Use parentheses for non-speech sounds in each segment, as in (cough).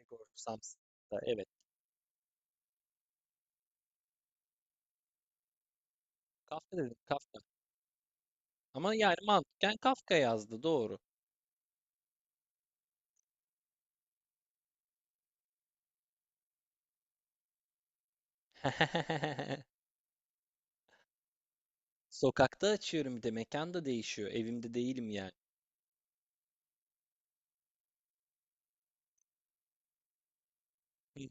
Igor Samsa. Evet. Kafka dedim Kafka. Ama yani mantıken Kafka yazdı doğru. (laughs) Sokakta açıyorum bir de mekan da değişiyor. Evimde değilim yani. Hı.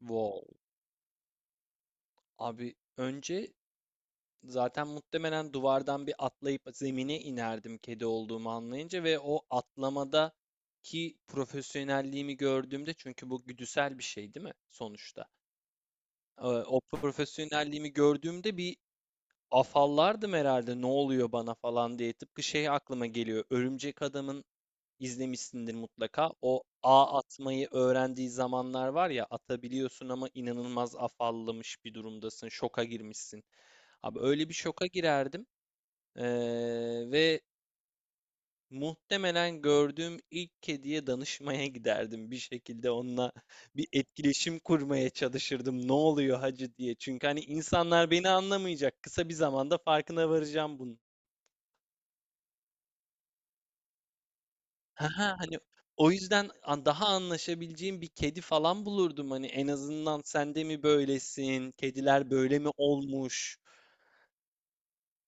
Wow. Abi önce zaten muhtemelen duvardan bir atlayıp zemine inerdim kedi olduğumu anlayınca ve o atlamada ki profesyonelliğimi gördüğümde çünkü bu güdüsel bir şey değil mi sonuçta? O profesyonelliğimi gördüğümde bir afallardım herhalde ne oluyor bana falan diye. Tıpkı şey aklıma geliyor. Örümcek Adam'ın izlemişsindir mutlaka. O ağ atmayı öğrendiği zamanlar var ya atabiliyorsun ama inanılmaz afallamış bir durumdasın. Şoka girmişsin. Abi öyle bir şoka girerdim. Ee, ve muhtemelen gördüğüm ilk kediye danışmaya (laughs) giderdim. Bir şekilde onunla bir etkileşim kurmaya çalışırdım. Ne oluyor hacı diye. Çünkü hani insanlar beni anlamayacak. Kısa bir zamanda farkına varacağım bunun. Haha, hani o yüzden an daha anlaşabileceğim bir kedi falan bulurdum. Hani en azından sen de mi böylesin? Kediler böyle mi olmuş?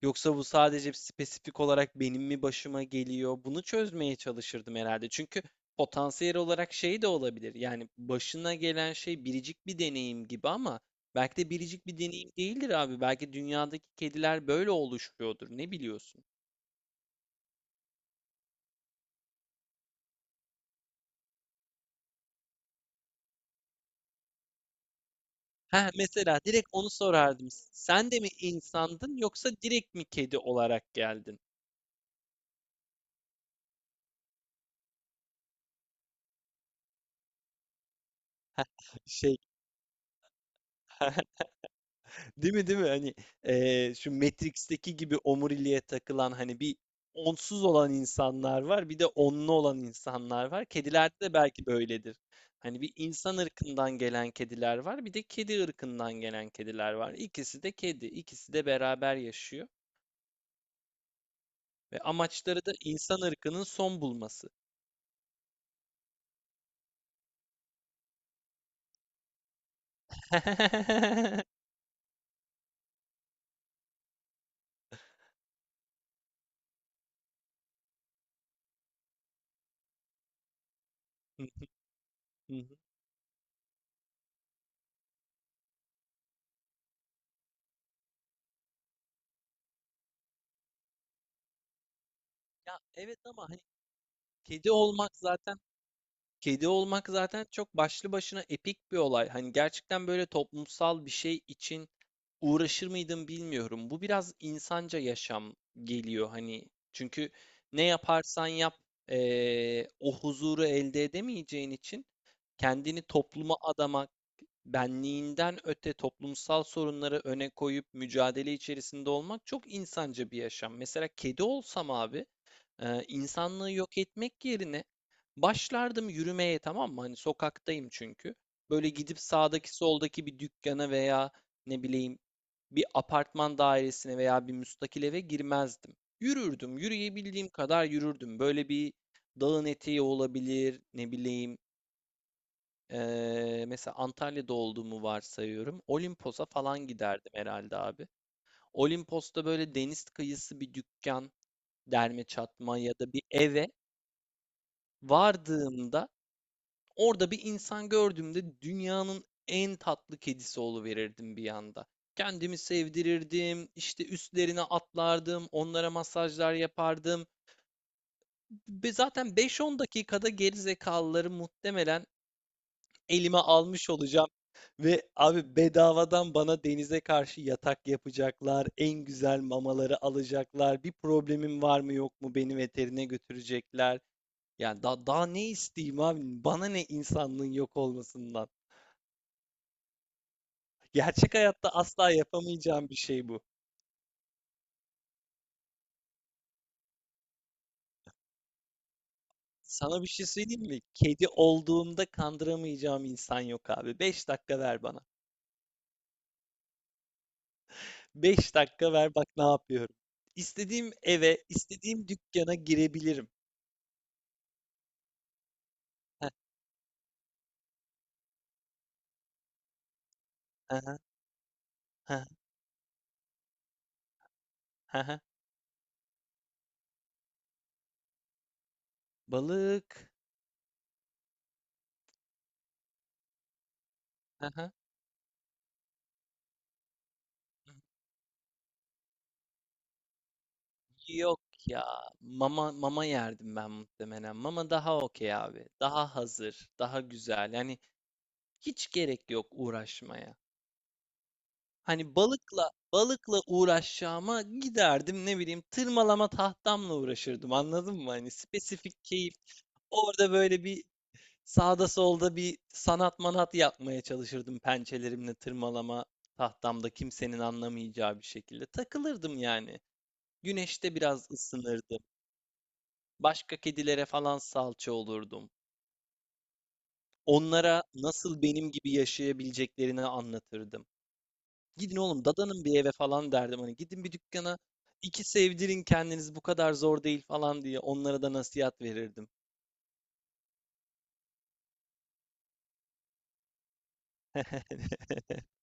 Yoksa bu sadece spesifik olarak benim mi başıma geliyor? Bunu çözmeye çalışırdım herhalde. Çünkü potansiyel olarak şey de olabilir. Yani başına gelen şey biricik bir deneyim gibi ama belki de biricik bir deneyim değildir abi. Belki dünyadaki kediler böyle oluşuyordur. Ne biliyorsun? Heh, mesela direkt onu sorardım. Sen de mi insandın yoksa direkt mi kedi olarak geldin? Şey, (laughs) değil mi değil mi? Hani şu Matrix'teki gibi omuriliğe takılan hani bir onsuz olan insanlar var, bir de onlu olan insanlar var. Kedilerde de belki böyledir. Hani bir insan ırkından gelen kediler var, bir de kedi ırkından gelen kediler var. İkisi de kedi, ikisi de beraber yaşıyor ve amaçları da insan ırkının son bulması. (laughs) Ya evet ama hani kedi olmak zaten kedi olmak zaten çok başlı başına epik bir olay. Hani gerçekten böyle toplumsal bir şey için uğraşır mıydım bilmiyorum. Bu biraz insanca yaşam geliyor hani. Çünkü ne yaparsan yap o huzuru elde edemeyeceğin için kendini topluma adamak, benliğinden öte toplumsal sorunları öne koyup mücadele içerisinde olmak çok insanca bir yaşam. Mesela kedi olsam abi. İnsanlığı yok etmek yerine başlardım yürümeye, tamam mı? Hani sokaktayım çünkü. Böyle gidip sağdaki soldaki bir dükkana veya ne bileyim bir apartman dairesine veya bir müstakil eve girmezdim. Yürürdüm, yürüyebildiğim kadar yürürdüm. Böyle bir dağın eteği olabilir, ne bileyim mesela Antalya'da olduğumu varsayıyorum. Olimpos'a falan giderdim herhalde abi. Olimpos'ta böyle deniz kıyısı bir dükkan, derme çatma ya da bir eve vardığımda orada bir insan gördüğümde dünyanın en tatlı kedisi oluverirdim bir anda. Kendimi sevdirirdim, işte üstlerine atlardım, onlara masajlar yapardım. Ve zaten 5-10 dakikada geri zekalıları muhtemelen elime almış olacağım. Ve abi bedavadan bana denize karşı yatak yapacaklar, en güzel mamaları alacaklar, bir problemim var mı yok mu beni veterine götürecekler. Yani da, daha ne isteyeyim abi? Bana ne insanlığın yok olmasından? Gerçek hayatta asla yapamayacağım bir şey bu. Sana bir şey söyleyeyim mi? Kedi olduğumda kandıramayacağım insan yok abi. 5 dakika ver bana. 5 dakika ver bak ne yapıyorum. İstediğim eve, istediğim dükkana girebilirim. Heh, aha, heh, aha. Balık. Aha. Yok ya. Mama mama yerdim ben muhtemelen. Mama daha okey abi. Daha hazır, daha güzel. Yani hiç gerek yok uğraşmaya. Hani balıkla balıkla uğraşacağıma giderdim ne bileyim tırmalama tahtamla uğraşırdım anladın mı? Hani spesifik keyif. Orada böyle bir sağda solda bir sanat manat yapmaya çalışırdım pençelerimle tırmalama tahtamda kimsenin anlamayacağı bir şekilde. Takılırdım yani. Güneşte biraz ısınırdım. Başka kedilere falan salça olurdum. Onlara nasıl benim gibi yaşayabileceklerini anlatırdım. Gidin oğlum dadanın bir eve falan derdim. Hani gidin bir dükkana iki sevdirin kendiniz bu kadar zor değil falan diye onlara da nasihat verirdim. (laughs)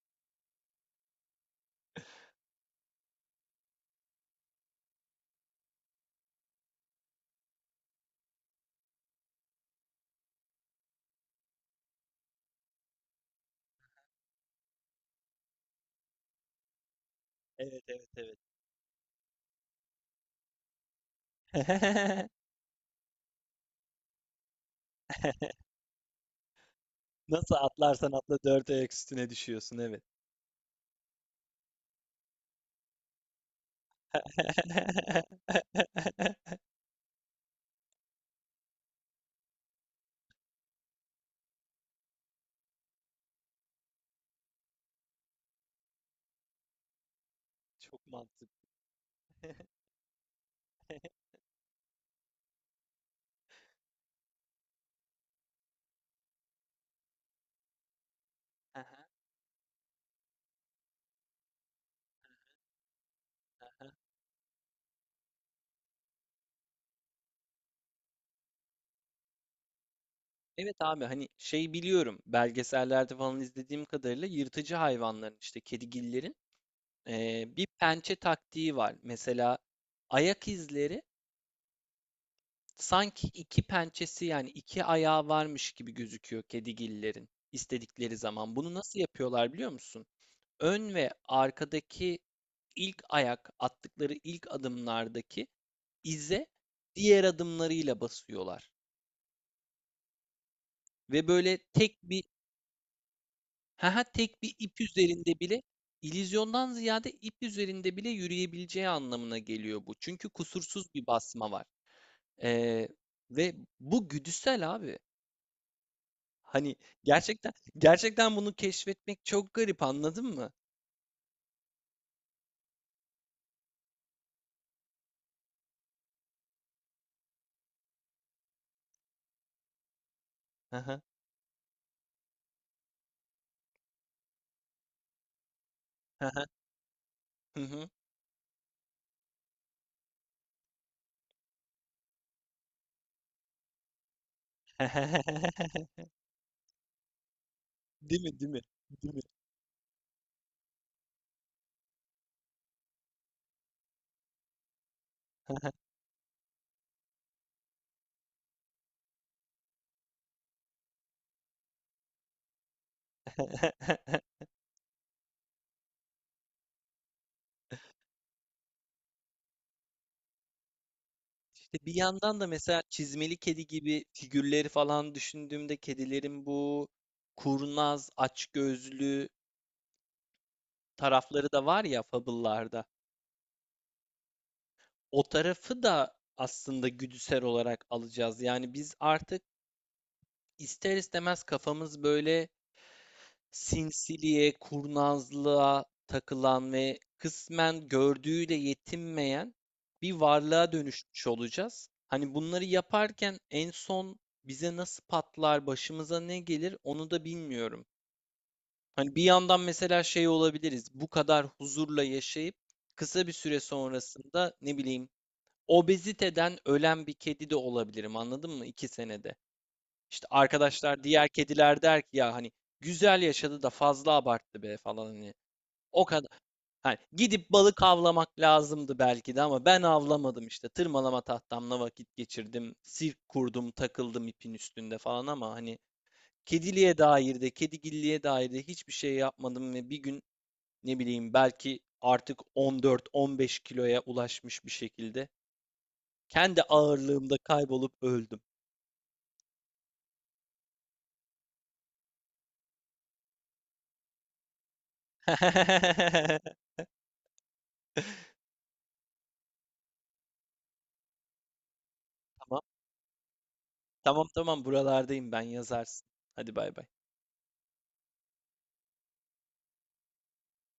Evet evet evet. (laughs) Nasıl atlarsan atla dört ayak üstüne düşüyorsun evet. (laughs) Çok mantıklı. Aha, aha. Evet abi hani şey biliyorum belgesellerde falan izlediğim kadarıyla yırtıcı hayvanların işte kedigillerin bir pençe taktiği var. Mesela ayak izleri sanki iki pençesi yani iki ayağı varmış gibi gözüküyor kedigillerin istedikleri zaman. Bunu nasıl yapıyorlar biliyor musun? Ön ve arkadaki ilk ayak attıkları ilk adımlardaki ize diğer adımlarıyla basıyorlar. Ve böyle tek bir ip üzerinde bile illüzyondan ziyade ip üzerinde bile yürüyebileceği anlamına geliyor bu. Çünkü kusursuz bir basma var. Ee, ve bu güdüsel abi. Hani, gerçekten gerçekten bunu keşfetmek çok garip, anladın mı? Hı hı. Hı hı. Hı hı. (laughs) Değil mi, değil mi? Değil mi? (laughs) İşte bir yandan da mesela çizmeli kedi gibi figürleri falan düşündüğümde kedilerin bu kurnaz, açgözlü tarafları da var ya fable'larda. O tarafı da aslında güdüsel olarak alacağız. Yani biz artık ister istemez kafamız böyle sinsiliğe, kurnazlığa takılan ve kısmen gördüğüyle yetinmeyen bir varlığa dönüşmüş olacağız. Hani bunları yaparken en son bize nasıl patlar, başımıza ne gelir onu da bilmiyorum. Hani bir yandan mesela şey olabiliriz. Bu kadar huzurla yaşayıp kısa bir süre sonrasında ne bileyim obeziteden ölen bir kedi de olabilirim anladın mı? 2 senede. İşte arkadaşlar, diğer kediler der ki ya hani güzel yaşadı da fazla abarttı be falan hani. O kadar hani gidip balık avlamak lazımdı belki de ama ben avlamadım işte. Tırmalama tahtamla vakit geçirdim. Sirk kurdum, takıldım ipin üstünde falan ama hani kediliğe dair de, kedigilliğe dair de hiçbir şey yapmadım ve bir gün ne bileyim belki artık 14-15 kiloya ulaşmış bir şekilde kendi ağırlığımda kaybolup öldüm. (laughs) Ama tamam tamam buralardayım ben yazarsın. Hadi bay bay.